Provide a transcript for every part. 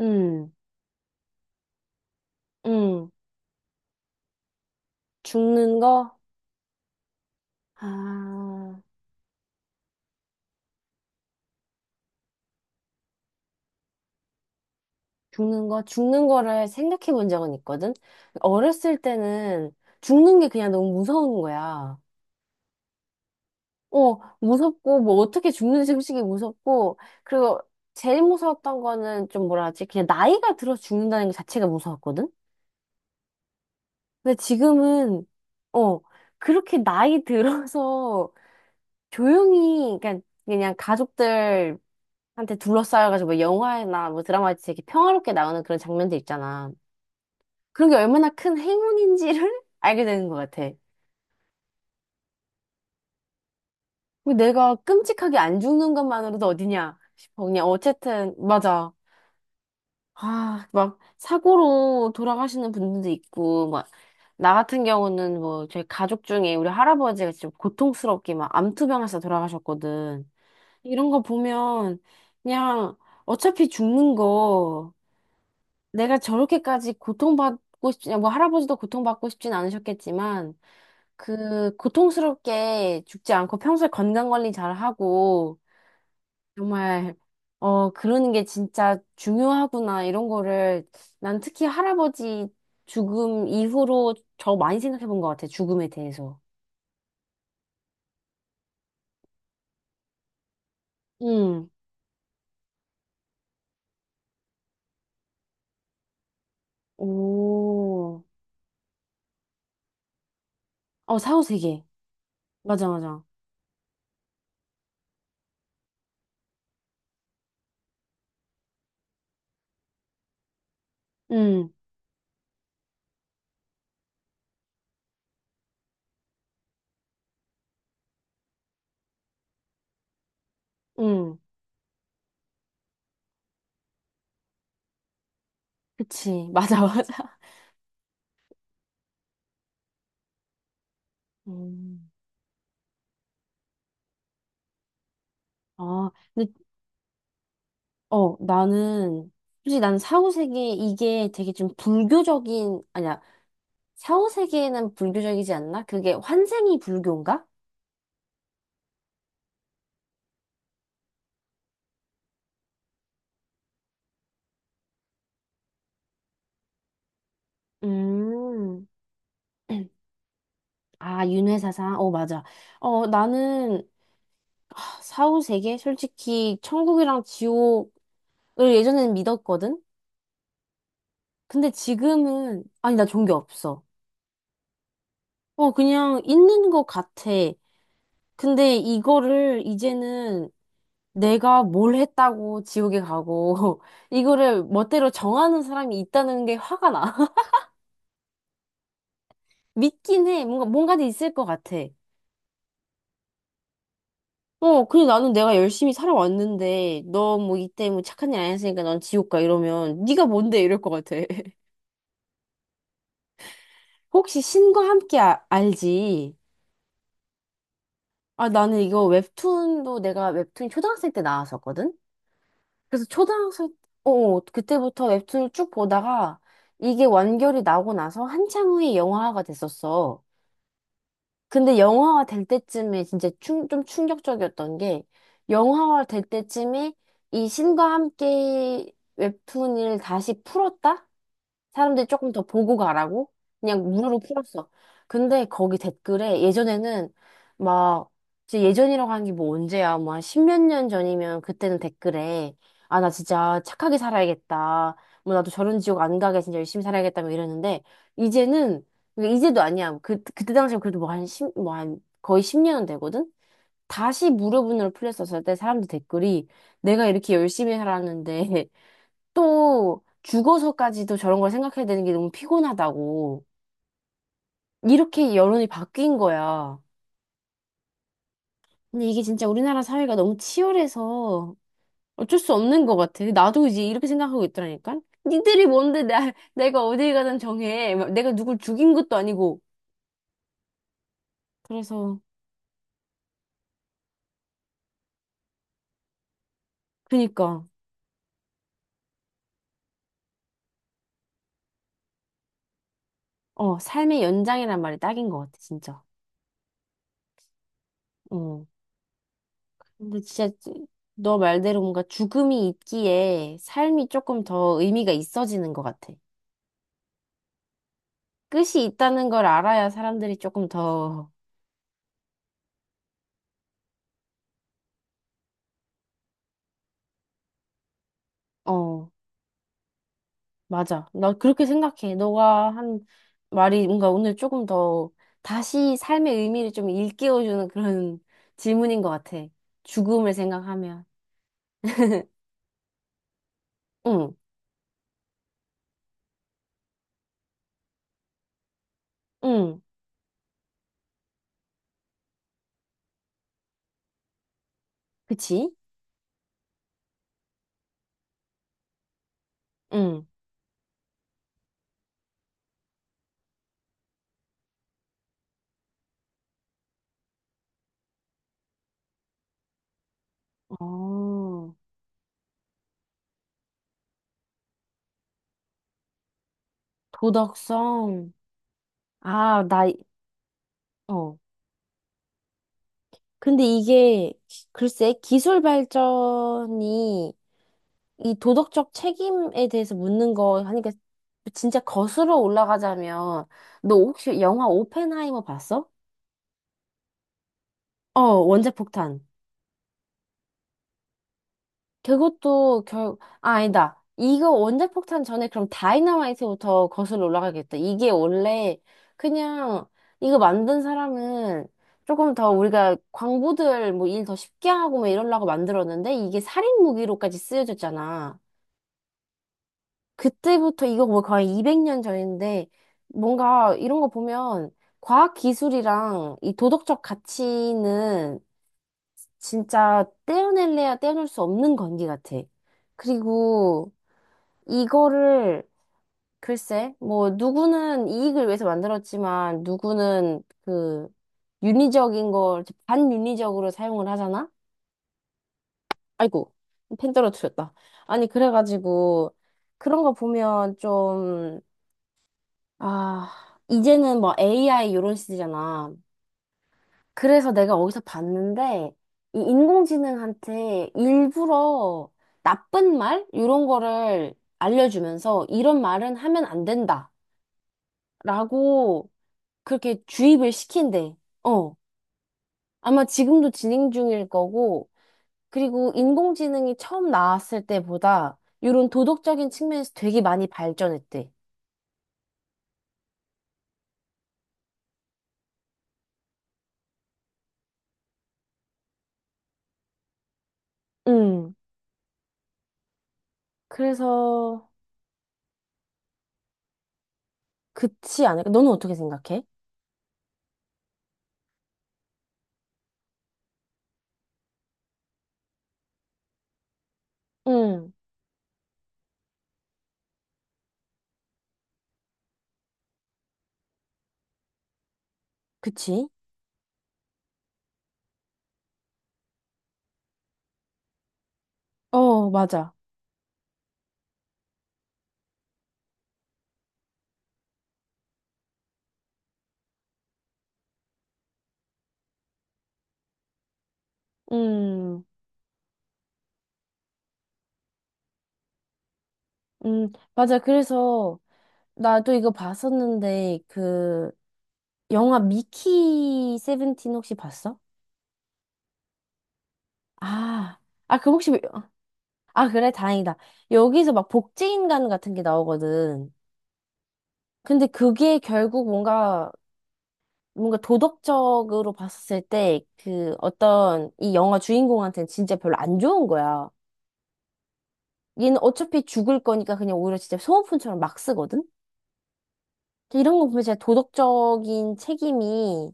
음, 음. 죽는 거? 아, 죽는 거? 죽는 거를 생각해 본 적은 있거든? 어렸을 때는 죽는 게 그냥 너무 무서운 거야. 무섭고, 뭐 어떻게 죽는지 솔직히 무섭고, 그리고 제일 무서웠던 거는 좀 뭐라 하지? 그냥 나이가 들어 죽는다는 것 자체가 무서웠거든? 근데 지금은, 어, 그렇게 나이 들어서 조용히, 그냥, 그냥 가족들 한테 둘러싸여가지고 뭐 영화나 뭐 드라마에서 되게 평화롭게 나오는 그런 장면들 있잖아. 그런 게 얼마나 큰 행운인지를 알게 되는 것 같아. 왜 내가 끔찍하게 안 죽는 것만으로도 어디냐 싶어. 그냥 어쨌든 맞아. 아, 막 사고로 돌아가시는 분들도 있고 막 나 같은 경우는 뭐 저희 가족 중에 우리 할아버지가 좀 고통스럽게 막 암투병해서 돌아가셨거든. 이런 거 보면 그냥 어차피 죽는 거 내가 저렇게까지 고통받고 싶지, 뭐 할아버지도 고통받고 싶진 않으셨겠지만, 그 고통스럽게 죽지 않고 평소에 건강 관리 잘 하고, 정말, 그러는 게 진짜 중요하구나, 이런 거를, 난 특히 할아버지 죽음 이후로 저 많이 생각해 본 것 같아, 죽음에 대해서. 응, 오, 어, 사후 세계. 맞아, 맞아. 응, 응, 그치. 맞아, 맞아. 음. 아, 근데 나는, 솔직히 나는 4, 세계 이게 되게 좀 불교적인, 아니야, 사후세계는 불교적이지 않나? 그게 환생이 불교인가? 음. 아, 윤회사상? 어, 맞아. 나는 사후세계 솔직히 천국이랑 지옥을 예전에는 믿었거든? 근데 지금은, 아니, 나 종교 없어. 그냥 있는 것 같아. 근데 이거를 이제는 내가 뭘 했다고 지옥에 가고, 이거를 멋대로 정하는 사람이 있다는 게 화가 나. 믿긴 해. 뭔가, 뭔가는 있을 것 같아. 근데 나는 내가 열심히 살아왔는데, 너 뭐 이때 뭐 착한 일 안 했으니까 넌 지옥 가 이러면, 네가 뭔데 이럴 것 같아. 혹시 신과 함께 알지? 아, 나는 이거 웹툰도 내가 웹툰 초등학생 때 나왔었거든? 그래서 초등학생, 그때부터 웹툰을 쭉 보다가, 이게 완결이 나고 나서 한참 후에 영화화가 됐었어. 근데 영화화 될 때쯤에 진짜 좀 충격적이었던 게 영화화 될 때쯤에 이 신과 함께 웹툰을 다시 풀었다? 사람들이 조금 더 보고 가라고 그냥 무료로 풀었어. 근데 거기 댓글에 예전에는 막 진짜 예전이라고 하는 게 뭐 언제야? 뭐 한 십몇 년 전이면 그때는 댓글에 아, 나 진짜 착하게 살아야겠다. 뭐 나도 저런 지옥 안 가게 진짜 열심히 살아야겠다. 뭐 이랬는데 이제는 그러니까 이제도 아니야. 그때 당시에 그래도 뭐 한 십 뭐 한 거의 10년은 되거든. 다시 무료분으로 풀렸었을 때 사람들 댓글이 내가 이렇게 열심히 살았는데 또 죽어서까지도 저런 걸 생각해야 되는 게 너무 피곤하다고. 이렇게 여론이 바뀐 거야. 근데 이게 진짜 우리나라 사회가 너무 치열해서 어쩔 수 없는 것 같아. 나도 이제 이렇게 생각하고 있더라니까. 니들이 뭔데 내가 어딜 가든 정해. 막 내가 누굴 죽인 것도 아니고. 그래서 그니까 삶의 연장이란 말이 딱인 것 같아 진짜. 어 근데 진짜 너 말대로 뭔가 죽음이 있기에 삶이 조금 더 의미가 있어지는 것 같아. 끝이 있다는 걸 알아야 사람들이 조금 더, 어, 맞아. 나 그렇게 생각해. 너가 한 말이 뭔가 오늘 조금 더 다시 삶의 의미를 좀 일깨워주는 그런 질문인 것 같아. 죽음을 생각하면. 응, 응, 그치? 응. 어, 도덕성. 아, 나, 어. 근데 이게, 글쎄, 기술 발전이 이 도덕적 책임에 대해서 묻는 거 하니까 진짜 거슬러 올라가자면 너 혹시 영화 오펜하이머 봤어? 어, 원자폭탄. 그것도 아, 아니다. 이거 원자폭탄 전에 그럼 다이너마이트부터 거슬러 올라가겠다. 이게 원래 그냥 이거 만든 사람은 조금 더 우리가 광부들 뭐 일 더 쉽게 하고 막 이러려고 만들었는데 이게 살인 무기로까지 쓰여졌잖아. 그때부터 이거 뭐 거의 200년 전인데 뭔가 이런 거 보면 과학 기술이랑 이 도덕적 가치는 진짜 떼어낼래야 떼어낼 수 없는 관계 같아. 그리고 이거를 글쎄 뭐 누구는 이익을 위해서 만들었지만 누구는 그 윤리적인 걸 반윤리적으로 사용을 하잖아? 아이고 펜 떨어뜨렸다. 아니 그래가지고 그런 거 보면 좀 아, 이제는 뭐 AI 이런 시대잖아. 그래서 내가 어디서 봤는데, 이 인공지능한테 일부러 나쁜 말? 이런 거를 알려주면서 이런 말은 하면 안 된다. 라고 그렇게 주입을 시킨대. 어. 아마 지금도 진행 중일 거고, 그리고 인공지능이 처음 나왔을 때보다 이런 도덕적인 측면에서 되게 많이 발전했대. 음. 그래서, 그치 않을까? 너는 어떻게 생각해? 응, 그치? 어, 맞아. 음, 맞아. 그래서 나도 이거 봤었는데 그 영화 미키 세븐틴 혹시 봤어? 아, 아, 그 혹시 아, 그래? 다행이다. 여기서 막 복제인간 같은 게 나오거든. 근데 그게 결국 뭔가 도덕적으로 봤을 때 그 어떤 이 영화 주인공한테는 진짜 별로 안 좋은 거야. 얘는 어차피 죽을 거니까 그냥 오히려 진짜 소모품처럼 막 쓰거든? 이런 거 보면 진짜 도덕적인 책임이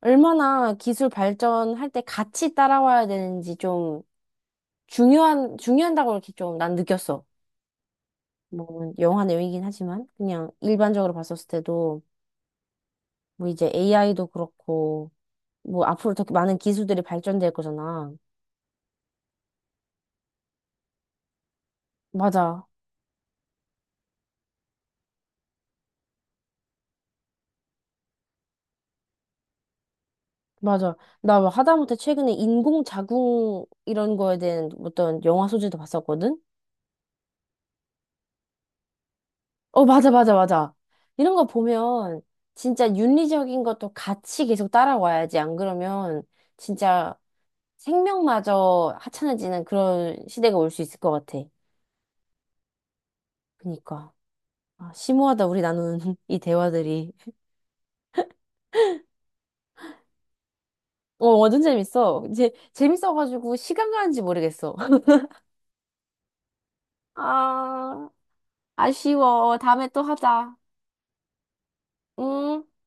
얼마나 기술 발전할 때 같이 따라와야 되는지 좀 중요한다고 이렇게 좀 난 느꼈어. 뭐, 영화 내용이긴 하지만, 그냥 일반적으로 봤었을 때도, 뭐 이제 AI도 그렇고, 뭐 앞으로 더 많은 기술들이 발전될 거잖아. 맞아. 맞아. 나 뭐 하다못해 최근에 인공자궁 이런 거에 대한 어떤 영화 소재도 봤었거든? 어, 맞아, 맞아, 맞아. 이런 거 보면 진짜 윤리적인 것도 같이 계속 따라와야지. 안 그러면 진짜 생명마저 하찮아지는 그런 시대가 올 수 있을 것 같아. 그니까. 아, 심오하다, 우리 나누는 이 대화들이. 어, 완전 재밌어. 이제 재밌어가지고 시간 가는지 모르겠어. 아, 아쉬워. 다음에 또 하자. 응?